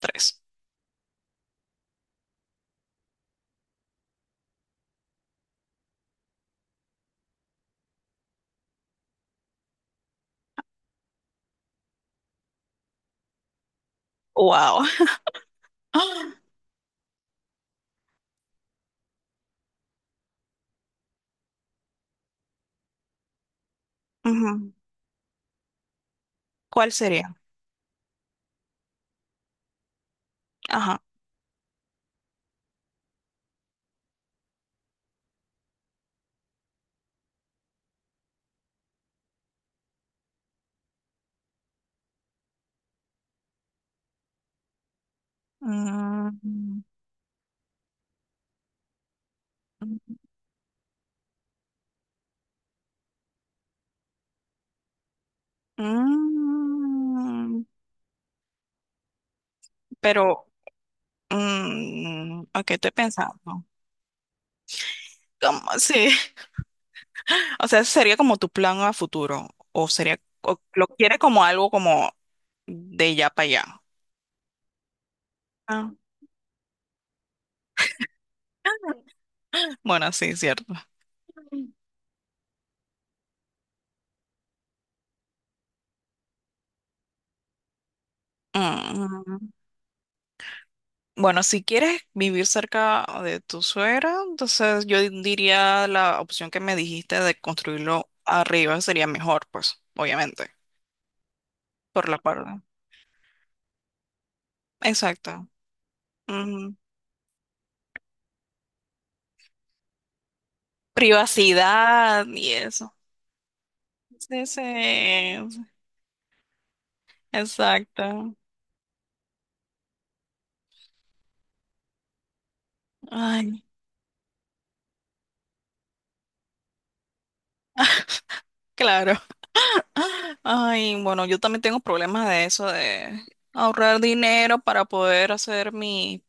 Tres. Wow. Ujú. ¿Cuál sería? Ajá. Mm, mm, pero, ok, estoy pensando. Como, sí. O sea, sería como tu plan a futuro. O sería, o lo quieres como algo como de ya para allá. Ah, bueno, sí, cierto. Mm, mm, Bueno, si quieres vivir cerca de tu suegra, entonces yo diría la opción que me dijiste de construirlo arriba sería mejor, pues, obviamente, por la parte. Exacto. Ujú. Privacidad y eso. Sí, sí, exacto. Ay, claro. Ay, bueno, yo también tengo problemas de eso, de ahorrar dinero para poder hacer mi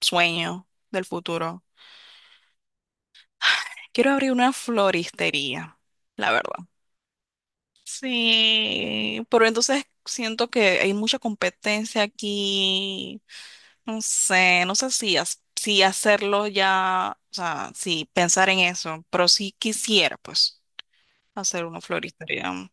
sueño del futuro. Quiero abrir una floristería, la verdad. Sí, pero entonces siento que hay mucha competencia aquí. No sé, no sé si hacerlo ya, o sea, si pensar en eso, pero sí quisiera, pues, hacer una floristería.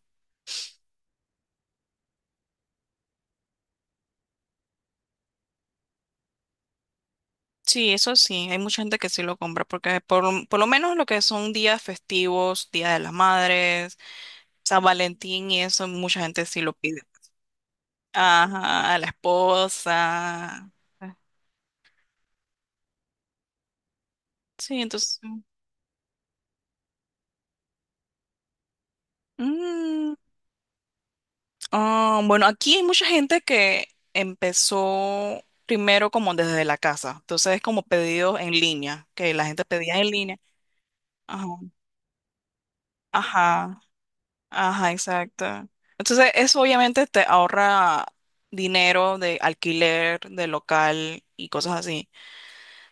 Sí, eso sí, hay mucha gente que sí lo compra, porque por lo menos lo que son días festivos, Día de las Madres, San Valentín y eso, mucha gente sí lo pide. Ajá, a la esposa. Sí, entonces. mm, ah, bueno, aquí hay mucha gente que empezó primero como desde la casa. Entonces es como pedidos en línea, que la gente pedía en línea. Ajá, ajá, ajá, exacto. Entonces eso obviamente te ahorra dinero de alquiler, de local y cosas así.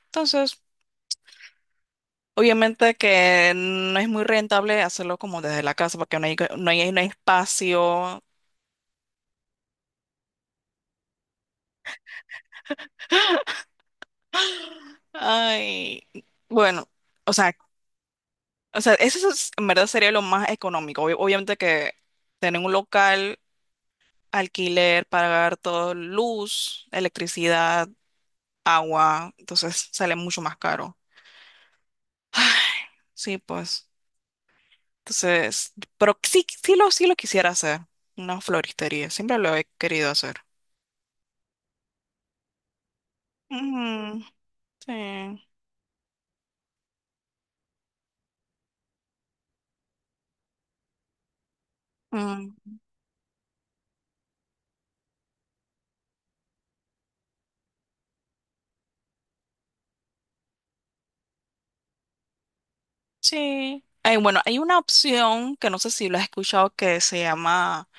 Entonces, obviamente que no es muy rentable hacerlo como desde la casa porque no hay espacio. Ay, bueno, o sea, o sea, en verdad sería lo más económico. Obviamente que tener un local, alquiler, pagar todo, luz, electricidad, agua, entonces sale mucho más caro. Ay, sí, pues. Entonces, pero sí, sí lo quisiera hacer, una floristería, siempre lo he querido hacer. Ujú, sí. Mm, sí. Ay, bueno, hay una opción que no sé si lo has escuchado que se llama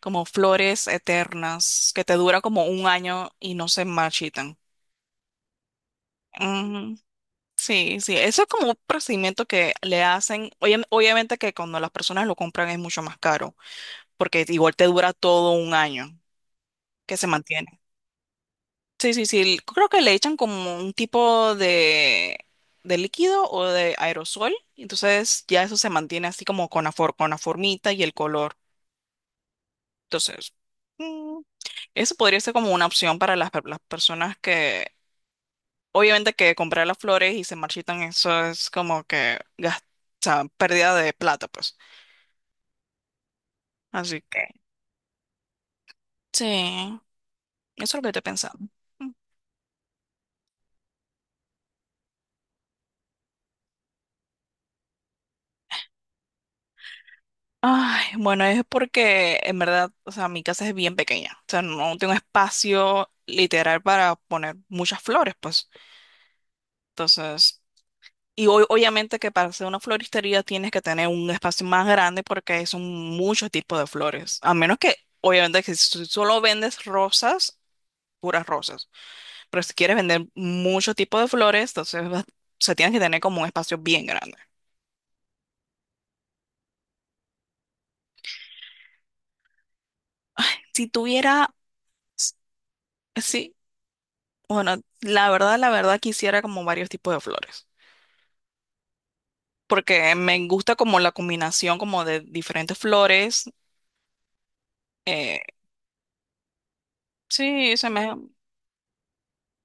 como flores eternas que te dura como un año y no se marchitan. Ujú. Sí, sí, eso es como un procedimiento que le hacen, obviamente que cuando las personas lo compran es mucho más caro, porque igual te dura todo un año que se mantiene. Sí, sí, sí, creo que le echan como un tipo de líquido o de aerosol, y entonces ya eso se mantiene así como con la formita y el color. Entonces, mm, eso podría ser como una opción para las personas que obviamente que comprar las flores y se marchitan, eso es como que o sea, pérdida de plata, pues. Así que sí, eso es lo que estoy pensando. Mm. Ay, bueno, es porque en verdad, o sea, mi casa es bien pequeña. O sea, no tengo espacio literal para poner muchas flores, pues. Entonces, y obviamente que para hacer una floristería tienes que tener un espacio más grande porque son muchos tipos de flores. A menos que, obviamente, que si solo vendes rosas, puras rosas. Pero si quieres vender mucho tipo de flores, entonces o sea, tienes que tener como un espacio bien grande. Si tuviera, s- sí, bueno, la verdad quisiera como varios tipos de flores, porque me gusta como la combinación como de diferentes flores. eh, sí, se me,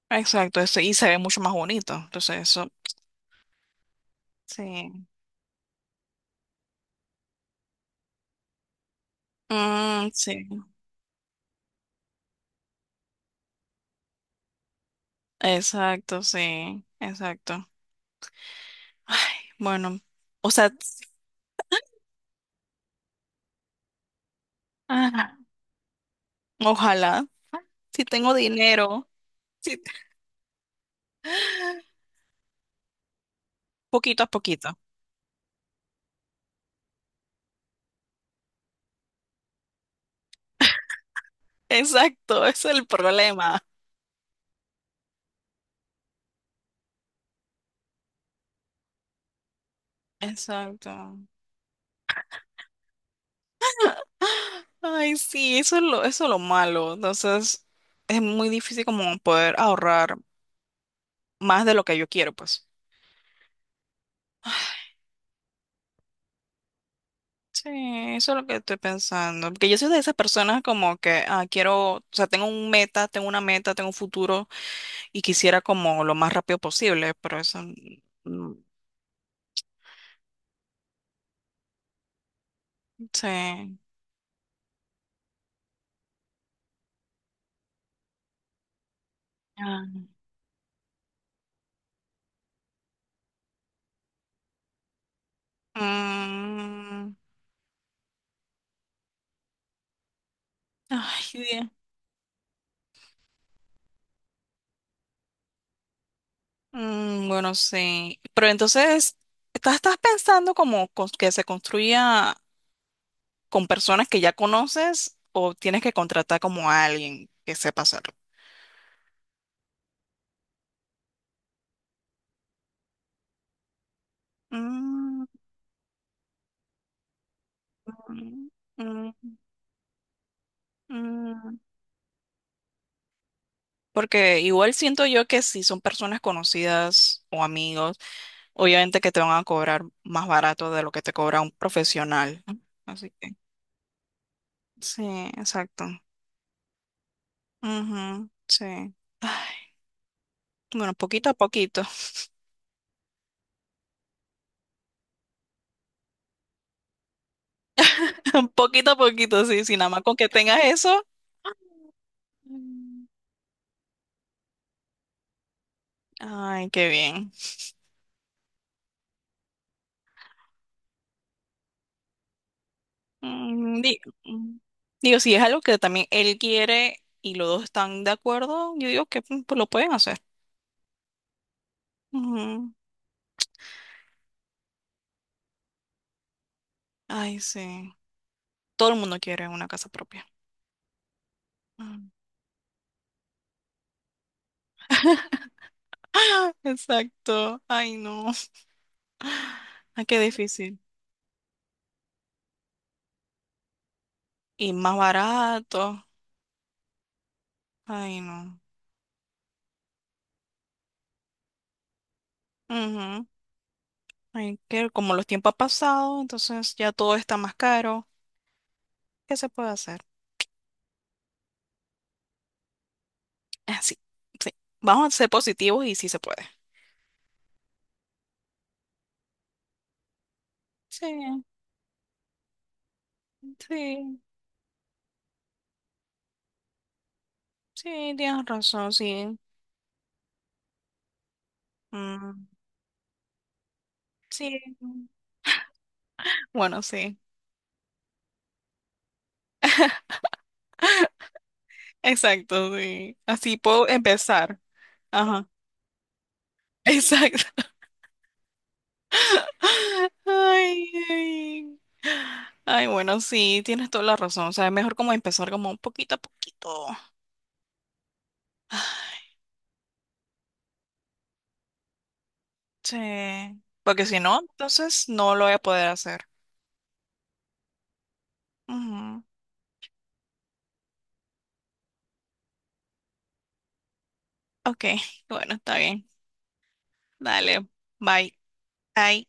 exacto, eso, y se ve mucho más bonito. Entonces eso, sí. Mm, sí, exacto, sí, exacto. Ay, bueno, o sea, ah, ojalá, si tengo dinero. Si poquito a poquito. Exacto, ese es el problema. Exacto. Ay, sí, eso es lo malo. Entonces, es muy difícil como poder ahorrar más de lo que yo quiero, pues. Sí, eso es lo que estoy pensando. Porque yo soy de esas personas como que ah, quiero, o sea, tengo una meta, tengo un futuro y quisiera como lo más rápido posible, pero eso mm, sí. Ah. Mm, ay, Dios. Mm, bueno, sí. Pero entonces, ¿estás pensando como que se construya con personas que ya conoces o tienes que contratar como a alguien que sepa hacerlo? Mm, mm, mm. Porque igual siento yo que si son personas conocidas o amigos, obviamente que te van a cobrar más barato de lo que te cobra un profesional, ¿no? Así que, sí, exacto. Ujú, sí. Ay, bueno, poquito a poquito. Un poquito a poquito, sí, sí, nada más con que tengas eso. Mm, ay, qué bien. Mm, di- mm, Digo, si es algo que también él quiere y los dos están de acuerdo, yo digo que pues, lo pueden hacer. Ujú. Ay, sí. Todo el mundo quiere una casa propia. Mm. Exacto. Ay, no. Ay, qué difícil. Y más barato. Ay, no. Ujú. Ay, que como los tiempos han pasado, entonces ya todo está más caro. ¿Qué se puede hacer? Así, sí. Sí. Vamos a ser positivos y sí se puede. Sí, sí, sí, tienes razón, sí. Mm, sí. Bueno, sí. Exacto, sí. Así puedo empezar. Ajá. Exacto. Ay, ay. Ay, bueno, sí, tienes toda la razón. O sea, es mejor como empezar como un poquito a poquito. Sí. Porque si no, entonces no lo voy a poder hacer. Ujú. Ok, bueno, está bien. Dale. Bye. Bye.